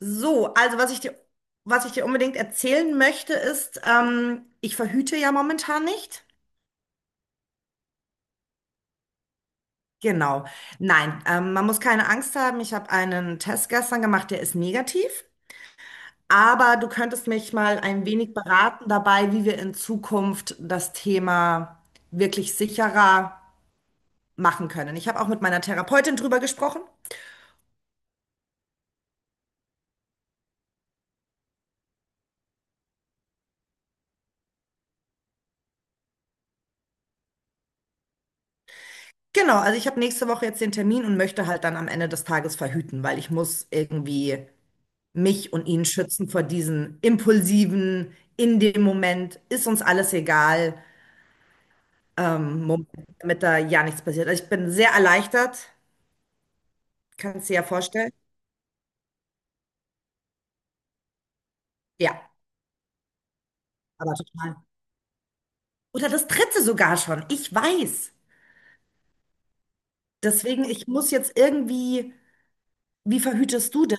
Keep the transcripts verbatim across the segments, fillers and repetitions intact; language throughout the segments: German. So, also was ich dir, was ich dir unbedingt erzählen möchte, ist, ähm, ich verhüte ja momentan nicht. Genau. Nein, ähm, man muss keine Angst haben. Ich habe einen Test gestern gemacht, der ist negativ. Aber du könntest mich mal ein wenig beraten dabei, wie wir in Zukunft das Thema wirklich sicherer machen können. Ich habe auch mit meiner Therapeutin drüber gesprochen. Genau, also ich habe nächste Woche jetzt den Termin und möchte halt dann am Ende des Tages verhüten, weil ich muss irgendwie mich und ihn schützen vor diesen impulsiven, in dem Moment ist uns alles egal, ähm, Moment, damit da ja nichts passiert. Also ich bin sehr erleichtert, kannst du dir ja vorstellen. Ja, aber total. Oder das dritte sogar schon, ich weiß. Deswegen, ich muss jetzt irgendwie, wie verhütest du denn?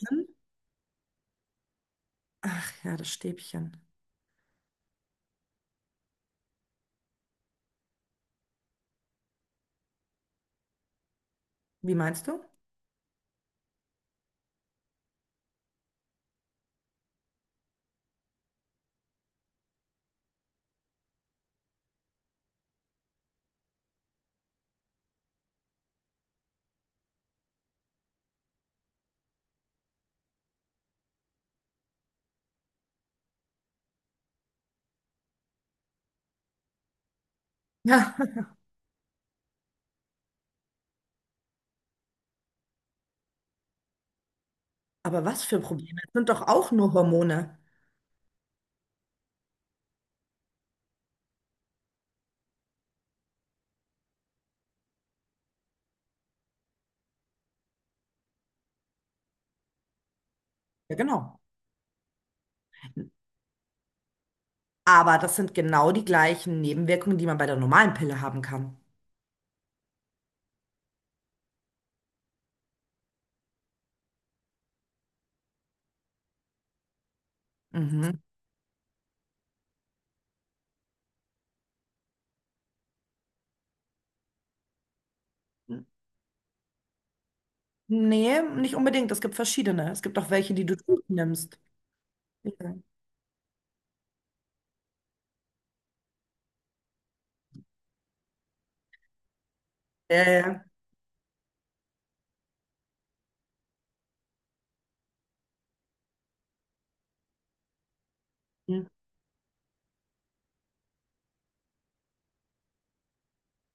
Ach ja, das Stäbchen. Wie meinst du? Ja. Aber was für Probleme? Das sind doch auch nur Hormone. Ja, genau. Aber das sind genau die gleichen Nebenwirkungen, die man bei der normalen Pille haben kann. Mhm. Nee, nicht unbedingt. Es gibt verschiedene. Es gibt auch welche, die du nimmst. Ja. Ja, ja. Mhm.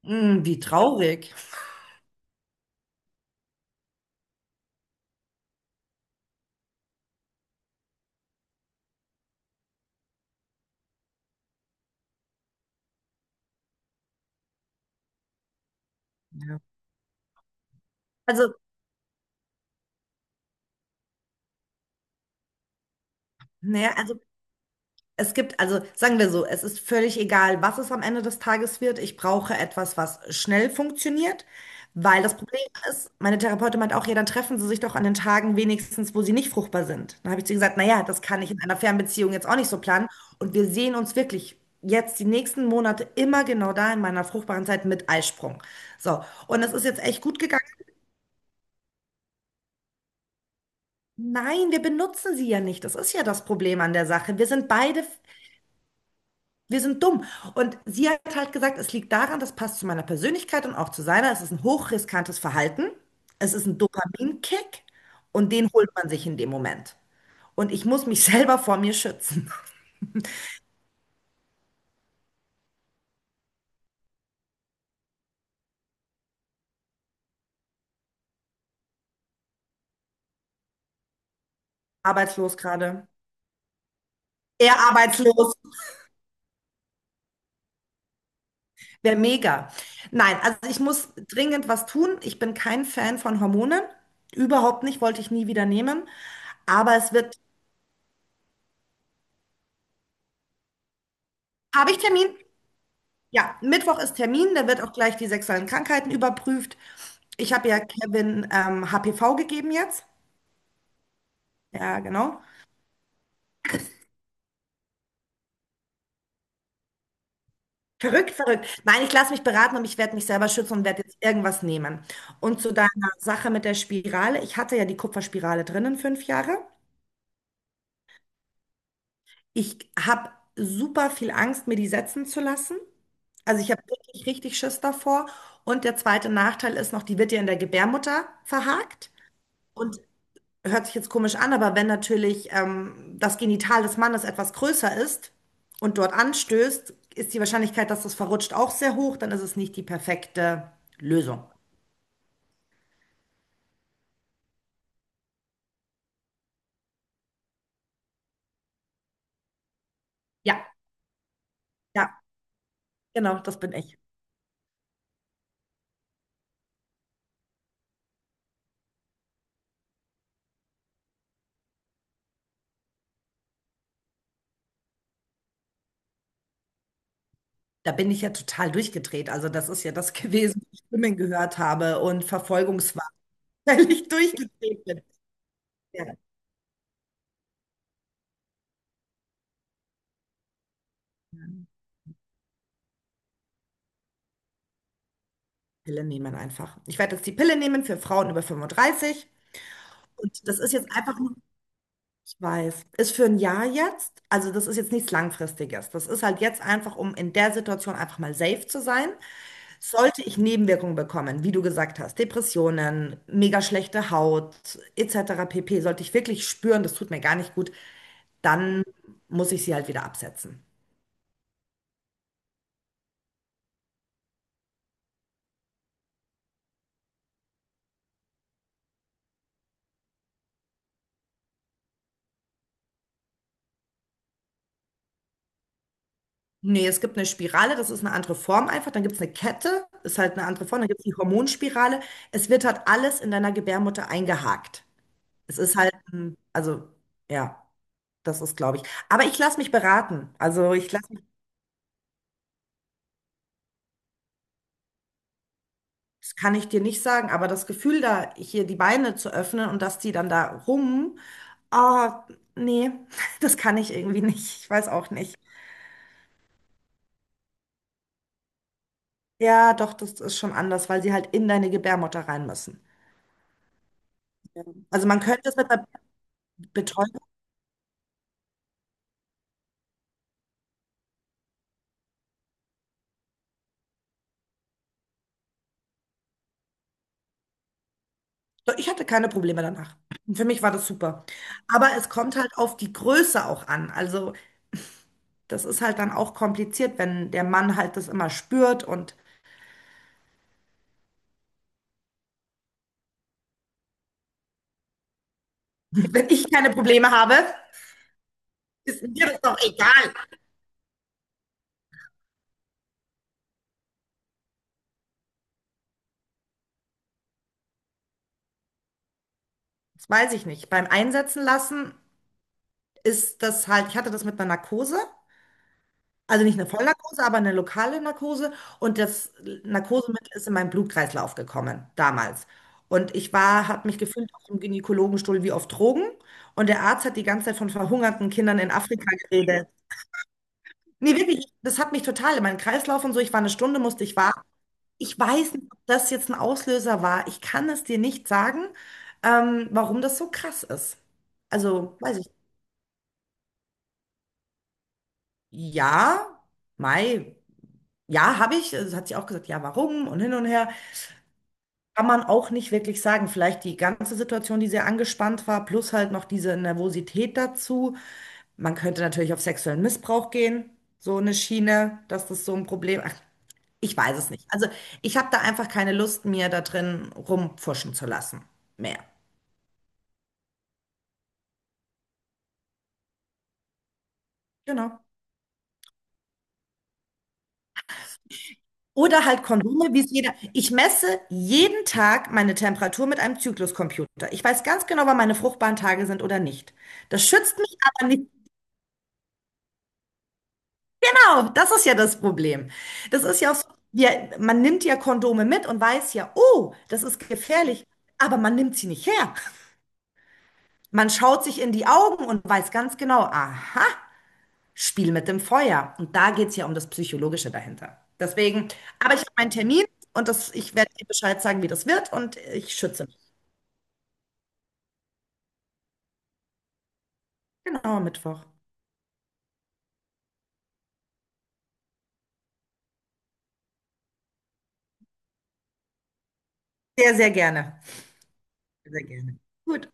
Mhm, wie traurig. Ja. Also, naja, also es gibt, also sagen wir so, es ist völlig egal, was es am Ende des Tages wird. Ich brauche etwas, was schnell funktioniert, weil das Problem ist, meine Therapeutin meint auch, ja, dann treffen Sie sich doch an den Tagen wenigstens, wo Sie nicht fruchtbar sind. Dann habe ich zu ihr gesagt, naja, das kann ich in einer Fernbeziehung jetzt auch nicht so planen. Und wir sehen uns wirklich jetzt die nächsten Monate immer genau da in meiner fruchtbaren Zeit mit Eisprung. So, und es ist jetzt echt gut gegangen. Nein, wir benutzen sie ja nicht. Das ist ja das Problem an der Sache. Wir sind beide. Wir sind dumm. Und sie hat halt gesagt, es liegt daran, das passt zu meiner Persönlichkeit und auch zu seiner. Es ist ein hochriskantes Verhalten. Es ist ein Dopaminkick und den holt man sich in dem Moment. Und ich muss mich selber vor mir schützen. Arbeitslos gerade. Er arbeitslos. Wäre mega. Nein, also ich muss dringend was tun. Ich bin kein Fan von Hormonen. Überhaupt nicht, wollte ich nie wieder nehmen. Aber es wird. Habe ich Termin? Ja, Mittwoch ist Termin, da wird auch gleich die sexuellen Krankheiten überprüft. Ich habe ja Kevin ähm, H P V gegeben jetzt. Ja, genau. Verrückt, verrückt. Nein, ich lasse mich beraten und ich werde mich selber schützen und werde jetzt irgendwas nehmen. Und zu deiner Sache mit der Spirale. Ich hatte ja die Kupferspirale drinnen fünf Jahre. Ich habe super viel Angst, mir die setzen zu lassen. Also ich habe wirklich richtig Schiss davor. Und der zweite Nachteil ist noch, die wird ja in der Gebärmutter verhakt. Und hört sich jetzt komisch an, aber wenn natürlich ähm, das Genital des Mannes etwas größer ist und dort anstößt, ist die Wahrscheinlichkeit, dass das verrutscht, auch sehr hoch. Dann ist es nicht die perfekte Lösung. Ja, ja, genau, das bin ich. Da bin ich ja total durchgedreht. Also das ist ja das gewesen, was ich Stimmen gehört habe und Verfolgungswahn, weil ich durchgedreht bin. Ja, Pille nehmen einfach. Ich werde jetzt die Pille nehmen für Frauen über fünfunddreißig. Und das ist jetzt einfach nur weiß. Ist für ein Jahr jetzt, also das ist jetzt nichts Langfristiges. Das ist halt jetzt einfach, um in der Situation einfach mal safe zu sein. Sollte ich Nebenwirkungen bekommen, wie du gesagt hast, Depressionen, mega schlechte Haut, et cetera pp., sollte ich wirklich spüren, das tut mir gar nicht gut, dann muss ich sie halt wieder absetzen. Nee, es gibt eine Spirale, das ist eine andere Form einfach. Dann gibt es eine Kette, ist halt eine andere Form. Dann gibt es die Hormonspirale. Es wird halt alles in deiner Gebärmutter eingehakt. Es ist halt, ein- also, ja. Das ist, glaube ich. Aber ich lasse mich beraten. Also ich lasse mich, das kann ich dir nicht sagen, aber das Gefühl, da hier die Beine zu öffnen und dass die dann da rum, ah, nee, das kann ich irgendwie nicht. Ich weiß auch nicht. Ja, doch, das ist schon anders, weil sie halt in deine Gebärmutter rein müssen. Also man könnte es mit einer Betäubung. Doch, ich hatte keine Probleme danach. Für mich war das super. Aber es kommt halt auf die Größe auch an. Also das ist halt dann auch kompliziert, wenn der Mann halt das immer spürt und wenn ich keine Probleme habe. Ist mir das doch egal. Das weiß ich nicht. Beim Einsetzen lassen ist das halt, ich hatte das mit einer Narkose, also nicht eine Vollnarkose, aber eine lokale Narkose und das Narkosemittel ist in meinen Blutkreislauf gekommen damals. Und ich war, habe mich gefühlt auf dem Gynäkologenstuhl wie auf Drogen und der Arzt hat die ganze Zeit von verhungerten Kindern in Afrika geredet. Nee, wirklich, das hat mich total in meinen Kreislauf und so. Ich war eine Stunde, musste ich warten. Ich weiß nicht, ob das jetzt ein Auslöser war. Ich kann es dir nicht sagen, ähm, warum das so krass ist. Also, weiß ich, ja, Mai, ja, habe ich. Also, es hat sie auch gesagt, ja, warum und hin und her. Kann man auch nicht wirklich sagen. Vielleicht die ganze Situation, die sehr angespannt war, plus halt noch diese Nervosität dazu. Man könnte natürlich auf sexuellen Missbrauch gehen, so eine Schiene, dass das so ein Problem. Ach, ich weiß es nicht. Also, ich habe da einfach keine Lust, mir da drin rumpfuschen zu lassen. Mehr. Genau. Oder halt Kondome, wie es jeder. Ich messe jeden Tag meine Temperatur mit einem Zykluscomputer. Ich weiß ganz genau, wann meine fruchtbaren Tage sind oder nicht. Das schützt mich aber nicht. Genau, das ist ja das Problem. Das ist ja auch so, wir, man nimmt ja Kondome mit und weiß ja, oh, das ist gefährlich, aber man nimmt sie nicht her. Man schaut sich in die Augen und weiß ganz genau, aha, Spiel mit dem Feuer. Und da geht es ja um das Psychologische dahinter. Deswegen, aber ich habe meinen Termin und das, ich werde dir Bescheid sagen, wie das wird und ich schütze mich. Genau, Mittwoch. Sehr, sehr gerne. Sehr gerne. Gut.